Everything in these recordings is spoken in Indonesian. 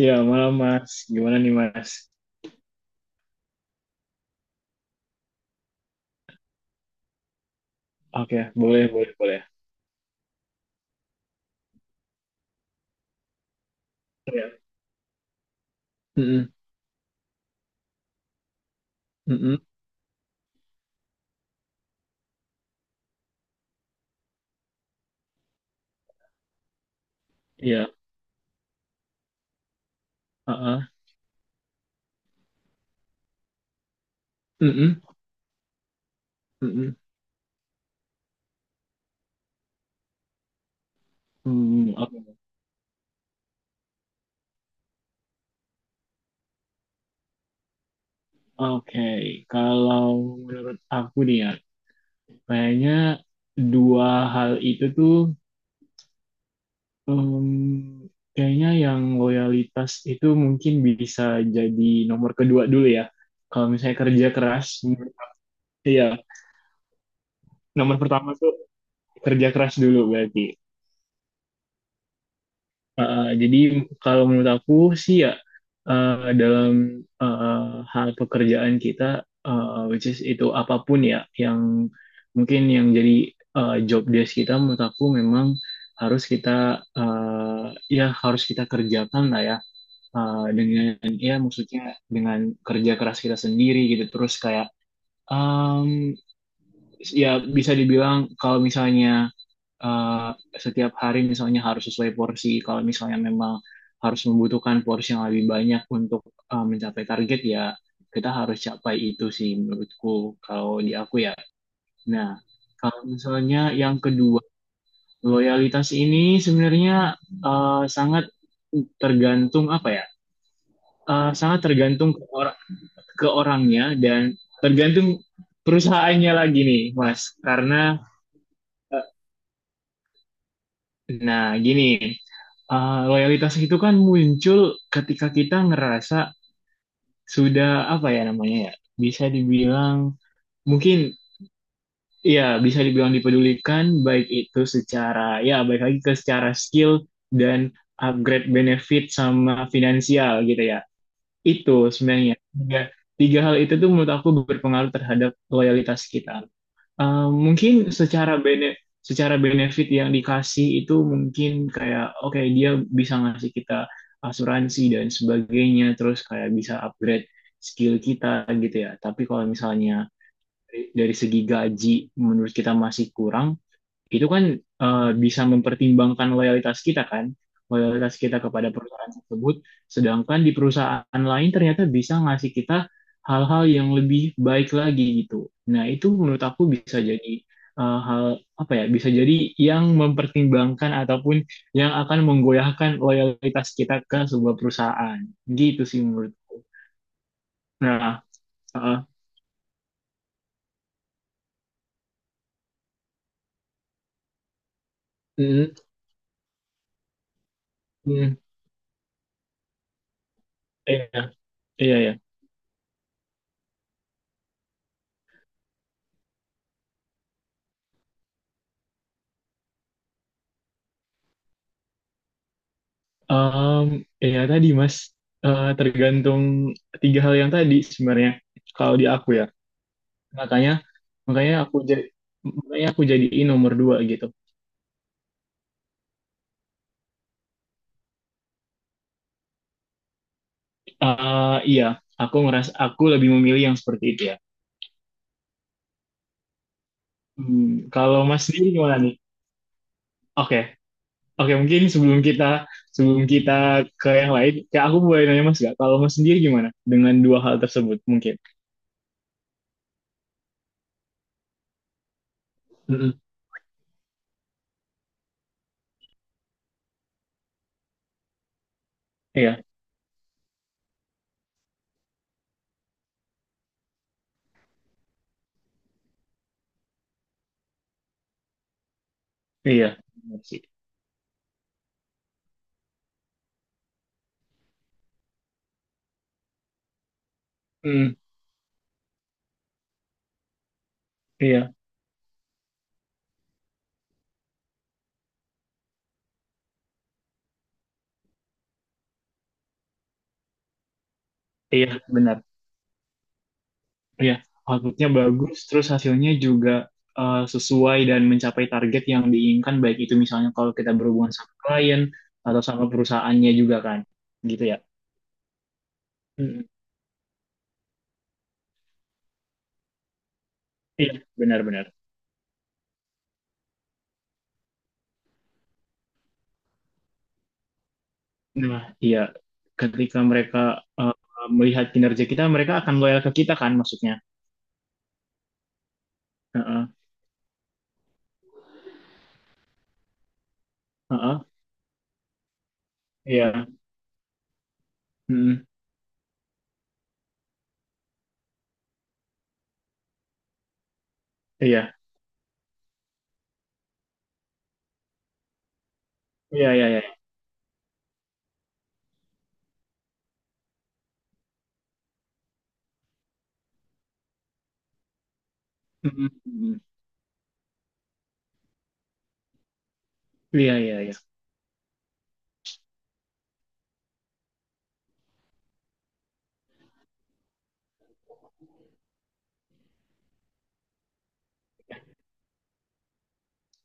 Iya, malam Mas. Gimana nih Mas? Oke, boleh, boleh, boleh. Iya. Mm-mm, mm-mm, Iya. Uh-uh. Mm-mm, mm-mm. Hmm. Oke, Oke, kalau menurut aku nih ya, kayaknya dua hal itu tuh em, kayaknya yang loyalitas itu mungkin bisa jadi nomor kedua dulu ya. Kalau misalnya kerja keras, iya. Nomor pertama tuh kerja keras dulu berarti. Jadi kalau menurut aku sih ya dalam hal pekerjaan kita which is itu apapun ya yang mungkin yang jadi job desk kita menurut aku memang harus kita ya harus kita kerjakan lah ya dengan ya maksudnya dengan kerja keras kita sendiri gitu terus kayak um, ya bisa dibilang kalau misalnya eh, setiap hari misalnya harus sesuai porsi. Kalau misalnya memang harus membutuhkan porsi yang lebih banyak untuk mencapai target ya kita harus capai itu sih menurutku kalau di aku ya. Nah, kalau misalnya yang kedua, loyalitas ini sebenarnya sangat tergantung apa ya? Sangat tergantung ke orangnya dan tergantung perusahaannya lagi nih, Mas. Karena uh, nah, gini, loyalitas itu kan muncul ketika kita ngerasa sudah apa ya namanya ya, bisa dibilang mungkin ya bisa dibilang dipedulikan baik itu secara ya baik lagi ke secara skill dan upgrade benefit sama finansial gitu ya. Itu sebenarnya tiga hal itu tuh menurut aku berpengaruh terhadap loyalitas kita. Mungkin secara benefit yang dikasih itu mungkin kayak oke dia bisa ngasih kita asuransi dan sebagainya terus kayak bisa upgrade skill kita gitu ya. Tapi kalau misalnya dari segi gaji menurut kita masih kurang, itu kan bisa mempertimbangkan loyalitas kita kan, loyalitas kita kepada perusahaan tersebut, sedangkan di perusahaan lain ternyata bisa ngasih kita hal-hal yang lebih baik lagi gitu. Nah, itu menurut aku bisa jadi hal apa ya, bisa jadi yang mempertimbangkan ataupun yang akan menggoyahkan loyalitas kita ke sebuah perusahaan. Gitu sih menurutku. Nah, eh, mm, mm, iya, iya. Um, Ya tadi Mas, tergantung tiga hal yang tadi sebenarnya. Kalau di aku ya, makanya makanya aku jadi makanya aku jadiin nomor dua gitu. Iya, aku ngerasa aku lebih memilih yang seperti itu ya. Hmm, kalau Mas sendiri gimana nih? Oke. Oke mungkin sebelum kita ke yang lain, kayak aku boleh nanya Mas gak? Kalau Mas sendiri gimana dengan dua hal tersebut mungkin? Mm-mm. Iya, iya, benar sih. Hmm, iya, iya, benar. Iya, outputnya bagus, terus hasilnya juga sesuai dan mencapai target yang diinginkan, baik itu misalnya kalau kita berhubungan sama klien atau sama perusahaannya juga kan, gitu ya. Mm, iya, benar-benar. Nah, iya, ketika mereka eh, melihat kinerja kita, mereka akan loyal ke kita kan, maksudnya. Heeh, heeh, iya, mm, iya, iya, iya, iya, mm, mm, mm, iya, iya, iya,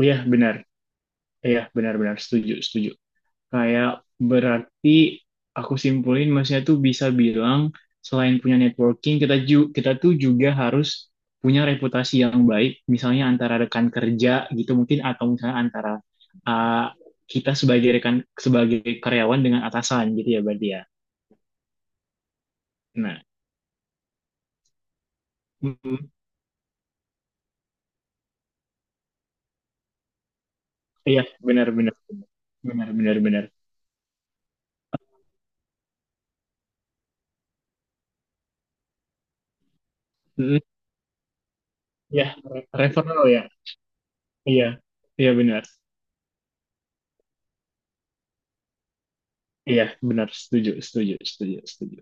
iya, benar, iya, benar-benar setuju, setuju. Kayak berarti aku simpulin maksudnya tuh bisa bilang selain punya networking kita tuh juga harus punya reputasi yang baik misalnya antara rekan kerja gitu mungkin atau misalnya antara uh, kita sebagai rekan sebagai karyawan dengan atasan gitu ya berarti ya. Nah, mm, iya benar-benar benar-benar benar. Mm, iya, referral ya. Iya. Iya benar. Iya benar setuju setuju setuju setuju.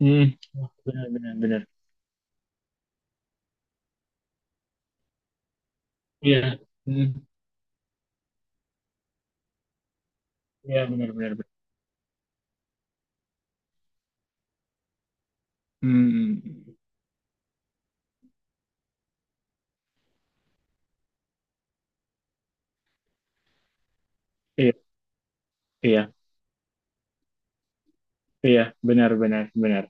Hmm. Benar benar benar. Iya, hmm, iya benar-benar. Hmm, iya, iya, iya, benar-benar, benar.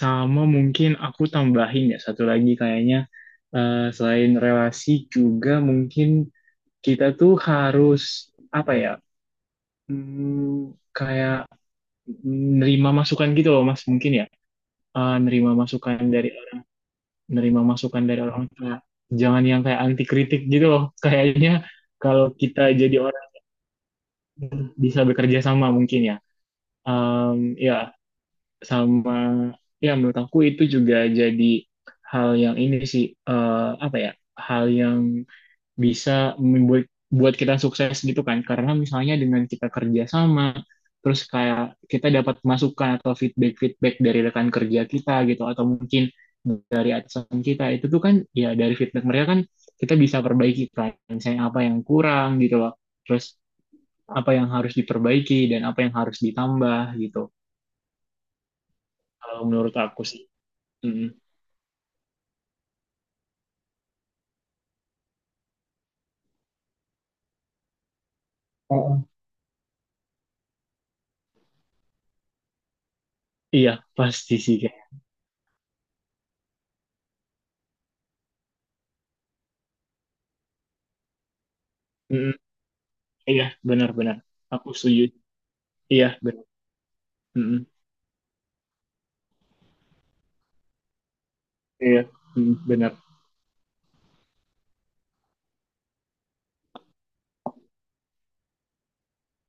Sama mungkin aku tambahin ya satu lagi kayaknya selain relasi juga mungkin kita tuh harus apa ya, hmm, kayak nerima masukan gitu loh Mas mungkin ya, Eh, nerima masukan dari nerima masukan dari orang tua. Jangan yang kayak anti kritik gitu loh. Kayaknya kalau kita jadi orang bisa bekerja sama mungkin ya. Em, Ya sama ya menurut aku itu juga jadi hal yang ini sih eh, apa ya hal yang bisa membuat buat kita sukses gitu kan karena misalnya dengan kita kerja sama terus kayak kita dapat masukan atau feedback feedback dari rekan kerja kita gitu atau mungkin dari atasan kita itu tuh kan ya dari feedback mereka kan kita bisa perbaiki kan misalnya apa yang kurang gitu loh terus apa yang harus diperbaiki dan apa yang harus ditambah gitu. Kalau menurut aku sih. Mm. Heeh. Iya, pasti sih kayak. Mm, iya, benar-benar. Aku setuju. Iya, benar. Mm, iya, mm, benar.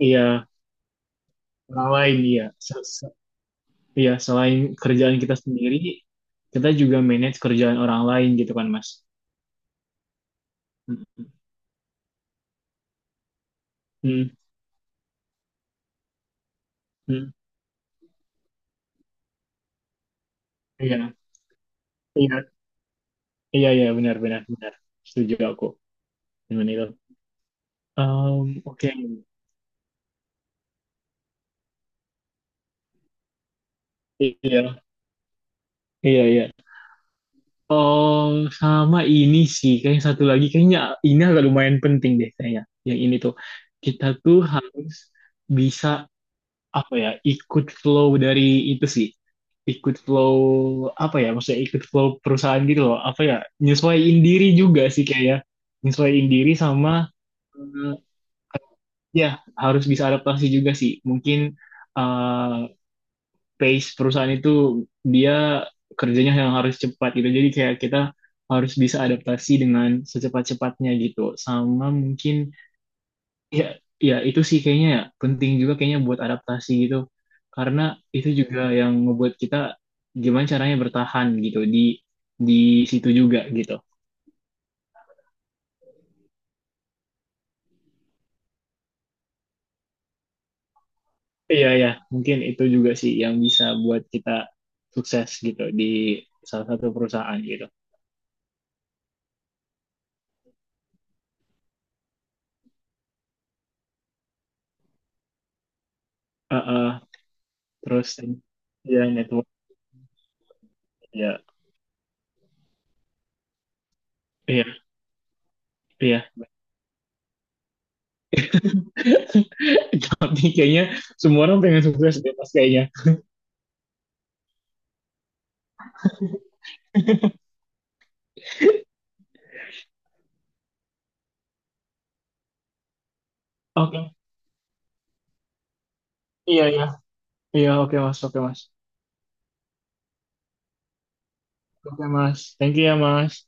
Iya, selain iya. Se- se- Iya, selain kerjaan kita sendiri, kita juga manage kerjaan orang lain gitu kan, Mas. Mm, mm, mm, iya, iya, iya, iya, benar-benar, benar, benar, benar. Setuju aku dengan itu. Oke, iya, iya, iya. Oh, sama ini sih. Kayaknya satu lagi, kayaknya ini agak lumayan penting deh kayaknya. Yang ini tuh, kita tuh harus bisa apa ya, ikut flow dari itu sih. Ikut flow apa ya, maksudnya ikut flow perusahaan gitu loh. Apa ya, nyesuaiin diri juga sih kayaknya. Nyesuaiin diri sama eh, ya harus bisa adaptasi juga sih. Mungkin eh, pace perusahaan itu dia kerjanya yang harus cepat gitu. Jadi kayak kita harus bisa adaptasi dengan secepat-cepatnya gitu. Sama mungkin ya ya itu sih kayaknya ya, penting juga kayaknya buat adaptasi gitu. Karena itu juga yang ngebuat kita gimana caranya bertahan gitu di situ juga gitu. Iya ya, mungkin itu juga sih yang bisa buat kita sukses gitu di salah satu perusahaan gitu. Uh, Terus ya network ya. Iya. Iya. Tapi kayaknya semua orang pengen sukses deh mas kayaknya. Oke. Iya iya. Iya oke mas oke mas. Oke mas. Thank you ya mas.